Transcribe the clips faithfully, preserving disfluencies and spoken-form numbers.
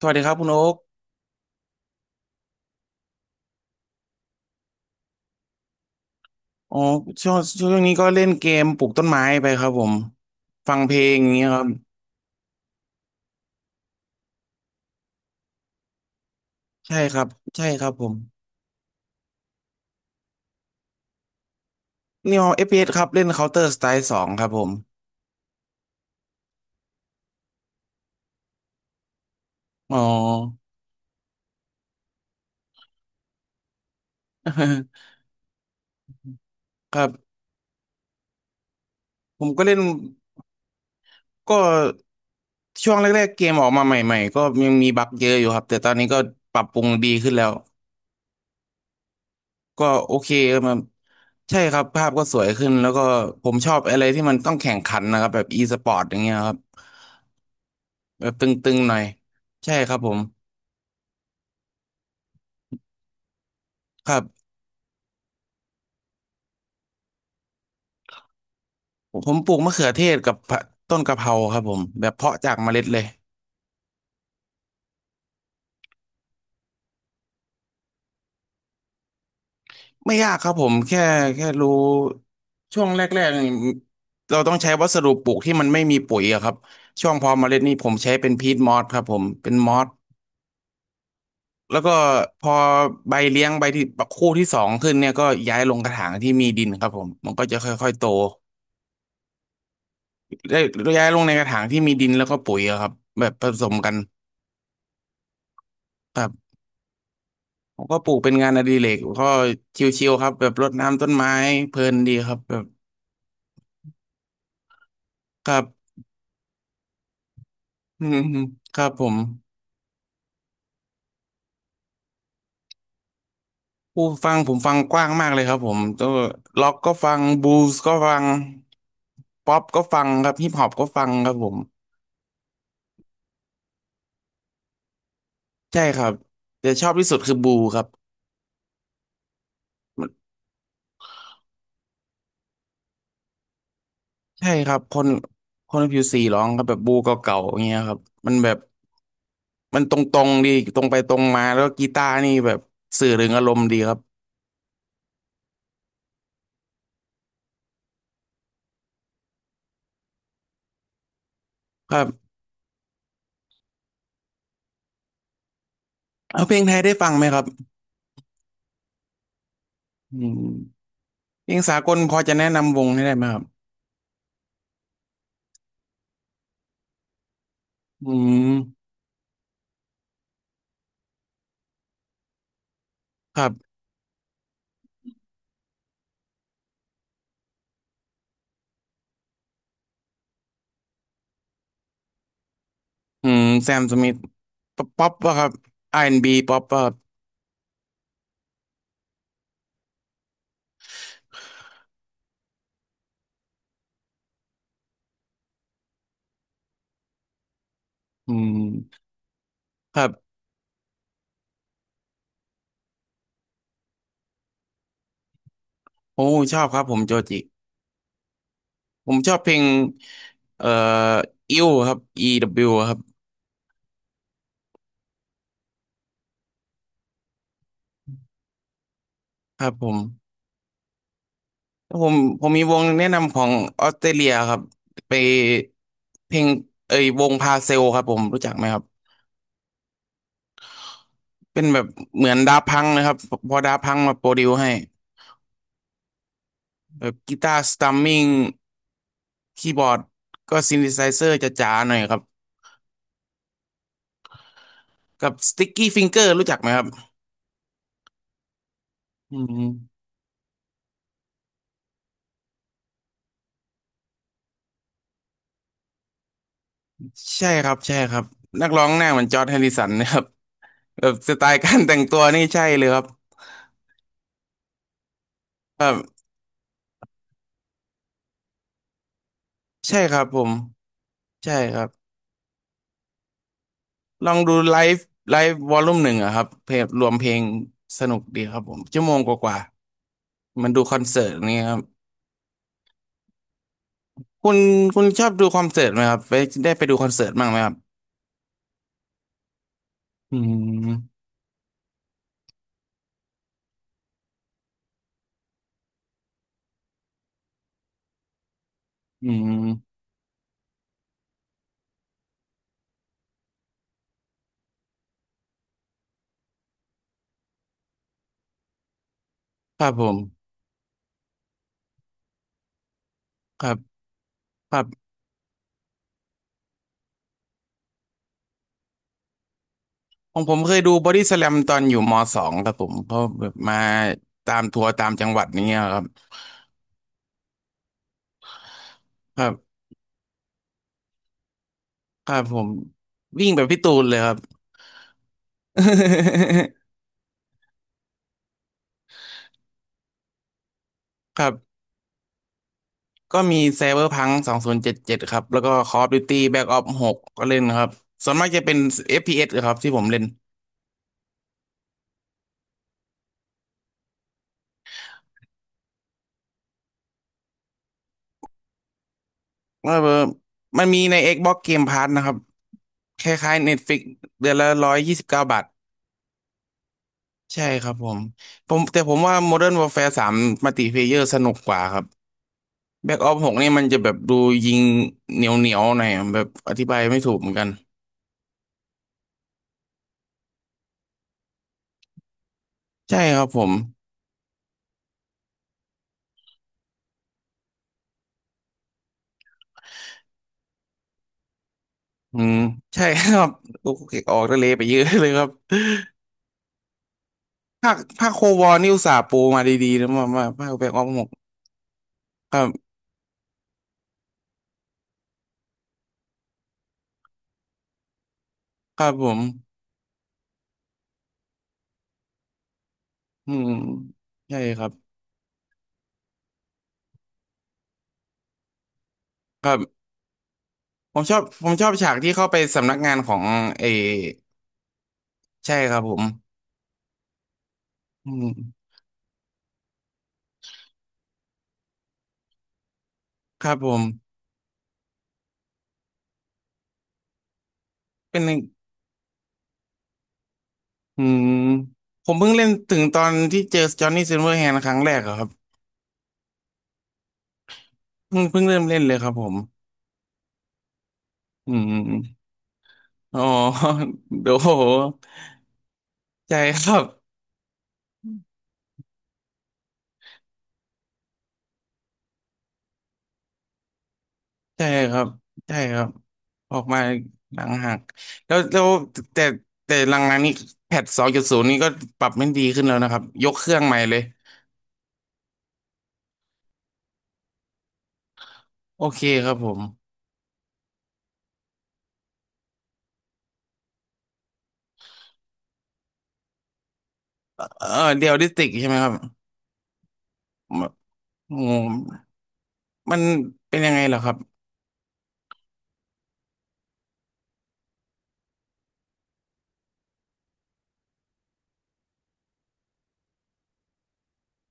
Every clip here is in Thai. สวัสดีครับคุณโอ๊กอ๋อช่วงช่วงนี้ก็เล่นเกมปลูกต้นไม้ไปครับผมฟังเพลงอย่างเงี้ยครับใช่ครับใช่ครับผมนี่เอา เอฟ พี เอส ครับเล่น Counter Strike สองครับผมอ๋อ ครับผมก็เล่นก็ช่วงแรกๆเกมออกมาใหม่ๆก็ยังมีบั๊กเยอะอยู่ครับแต่ตอนนี้ก็ปรับปรุงดีขึ้นแล้วก็โอเคครับมันใช่ครับภาพก็สวยขึ้นแล้วก็ผมชอบอะไรที่มันต้องแข่งขันนะครับแบบ e-sport อย่างเงี้ยครับ แบบตึงๆหน่อยใช่ครับผมครับผมปลูกมะเขือเทศกับผะต้นกะเพราครับผมแบบเพาะจากเมล็ดเลยไม่ยากครับผมแค่แค่รู้ช่วงแรกๆนี่เราต้องใช้วัสดุปลูกที่มันไม่มีปุ๋ยอะครับช่วงเพอเมล็ดนี่ผมใช้เป็นพีทมอสครับผมเป็นมอสแล้วก็พอใบเลี้ยงใบที่คู่ที่สองขึ้นเนี่ยก็ย้ายลงกระถางที่มีดินครับผมมันก็จะค่อยๆโตได้ย้ายลงในกระถางที่มีดินแล้วก็ปุ๋ยอะครับแบบผสมกัน ผมก็ปลูกเป็นงานอดิเรกก็ชิวๆครับแบบรดน้ำต้นไม้เพลินดีครับแบบครับ อืมๆครับผมผู้ฟังผมฟังกว้างมากเลยครับผมตัวล็อกก็ฟังบลูส์ก็ฟังป๊อปก็ฟังครับฮิปฮอปก็ฟังครับผมใช่ครับแต่ชอบที่สุดคือบลูครับใช่ครับคนคนผิวสีร้องครับแบบบลูเก่าๆอย่างเงี้ยครับมันแบบมันตรงๆดีตรงไปตรงมาแล้วกีตาร์นี่แบบสื่อถึงอารมณ์ดีครับครับเอาเพลงไทยได้ฟังไหมครับ อืมเพลงสากลพอจะแนะนำวงให้ได้ไหมครับอืมครับอืมแซมสมิธป๊อปปอ่ะครับอาร์แอนด์บีป๊อปป่ะครับอืมครับโอ้ชอบครับผมโจจิผมชอบเพลงเอ่ออิวครับ อี ดับเบิลยู ครับครับผมแล้วผมผมมีวงแนะนำของออสเตรเลียครับไปเพลงเอ้ยวงพาเซลครับผมรู้จักไหมครับเป็นแบบเหมือนดาพังนะครับพอดาพังมาโปรดิวให้แบบกีตาร์สตัมมิง คีย์บอร์ดก็ซินธิไซเซอร์จะจ๋าๆหน่อยครับกับสติ๊กกี้ฟิงเกอร์รู้จักไหมครับอืมใช่ครับใช่ครับนักร้องหน้าเหมือนจอร์จแฮริสันนะครับแบบสไตล์การแต่งตัวนี่ใช่เลยครับแบบใช่ครับผมใช่ครับลองดูไลฟ์ไลฟ์วอลลุ่มหนึ่งอะครับเพลงรวมเพลงสนุกดีครับผมชั่วโมงกว่าๆมันดูคอนเสิร์ตนี่ครับคุณคุณชอบดูคอนเสิร์ตไหมครับไปได้ไปดูคอนเสิร์ตบ้างไหมครับอืมอืมครับผมครับครับ ของผมเคยดูบอดี้ส a ลมตอนอยู่มสองครับผมเพราะแบบมาตามทัวร์ตามจังหวัดนี้ยครับครับครับผมวิ่งแบบพี่ตูนเลยครับ ครับก็มีไซเบอร์พังสองศูนย์เจ็ดเจ็ดครับแล้วก็คอฟด d u ตี b แบ็กออปหกก็เล่นครับส่วนมากจะเป็น เอฟ พี เอส ครับที่ผมเล่นว่าเออมันมีใน Xbox Game Pass นะครับคล้ายๆ Netflix เดือนละร้อยยี่สิบเก้าบาทใช่ครับผมผมแต่ผมว่า Modern Warfare สาม Multiplayer สนุกกว่าครับ แบ็กออฟหกนี่มันจะแบบดูยิงเหนียวเหนียวหน่อยอะแบบอธิบายไม่ถูกเหมือนกันใช่ครับผมอืมใช่ครับลูกเก็กออกทะเลไปเยอะเลยครับภาคภาคโควอนี่อุตส่าห์ปูมาดีๆนะมามาภาคแบ็กออฟหกครับครับผมอืมใช่ครับครับผมชอบผมชอบฉากที่เข้าไปสำนักงานของเออใช่ครับผมอืมครับผมเป็นอืมผมเพิ่งเล่นถึงตอนที่เจอจอห์นนี่ซิลเวอร์แฮนด์ครั้งแรกอะครับ เพิ่งเพิ่งเริ่มเล่นเลยครับผม อืมอมอ๋อ โดโหใจครับใจครับใจครับออกมาหลังหักแล้วแล้วแต่แต่หลังๆนี้แพทสองจุดศูนย์นี่ก็ปรับไม่ดีขึ้นแล้วนะครับยกเครื่องใหม่เลยโอเคครับผมเออเดียลดิสติกใช่ไหมครับมโอ้มันเป็นยังไงเหรอครับ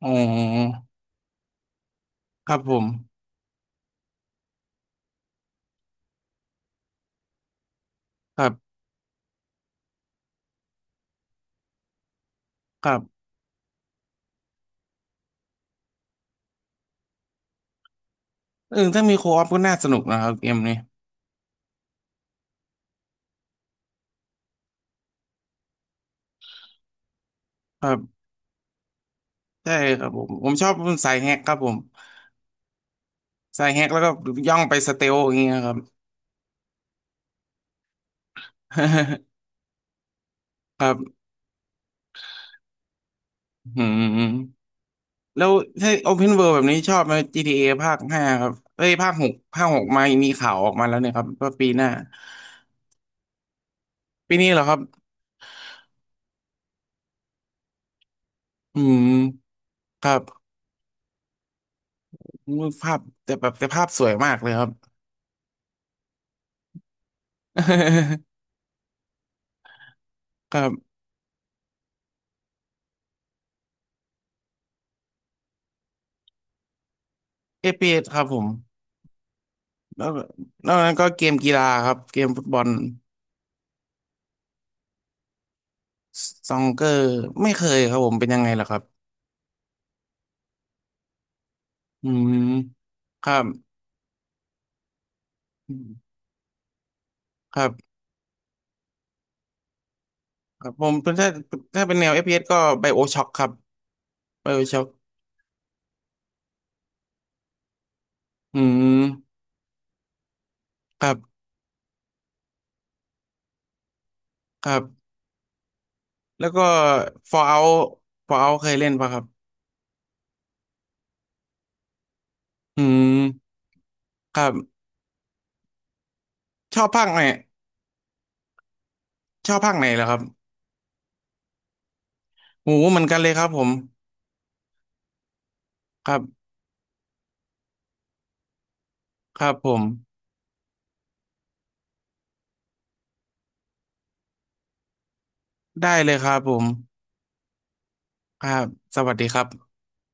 อ๋อครับผมครับครับเออถ้ามีโคออฟก็น่าสนุกนะครับเกมนี้ครับใช่ครับผมผมชอบสายแฮกครับผม ใส่แฮกแล้วก็ย่องไปสเตลอย่างเงี้ยครับ ครับอืมแล้วถ้า Open World แบบนี้ชอบไหม จี ที เอ ภาคห้าครับเอ้ยภาคหกภาคหกมามีข่าวออกมาแล้วเนี่ยครับว่าปีหน้าปีนี้เหรอครับอืมครับภาพแต่แบบแต่ภาพสวยมากเลยครับ ครับเอฟพีเอสครับผมแล้วนอกนั้นก็เกมกีฬาครับเกมฟุตบอลซองเกอร์ไม่เคยครับผมเป็นยังไงล่ะครับอืมครับครับ ครับผมถ้าถ้าเป็นแนว f อฟพีเอสก็ BioShock ครับ BioShock อืมครับครับแล้วก็ Fallout Fallout เคยเล่นปะครับอืมครับชอบภาคไหนชอบภาคไหนเหรอครับโหเหมือนกันเลยครับผมครับครับผมได้เลยครับผมครับสวัสดีครับ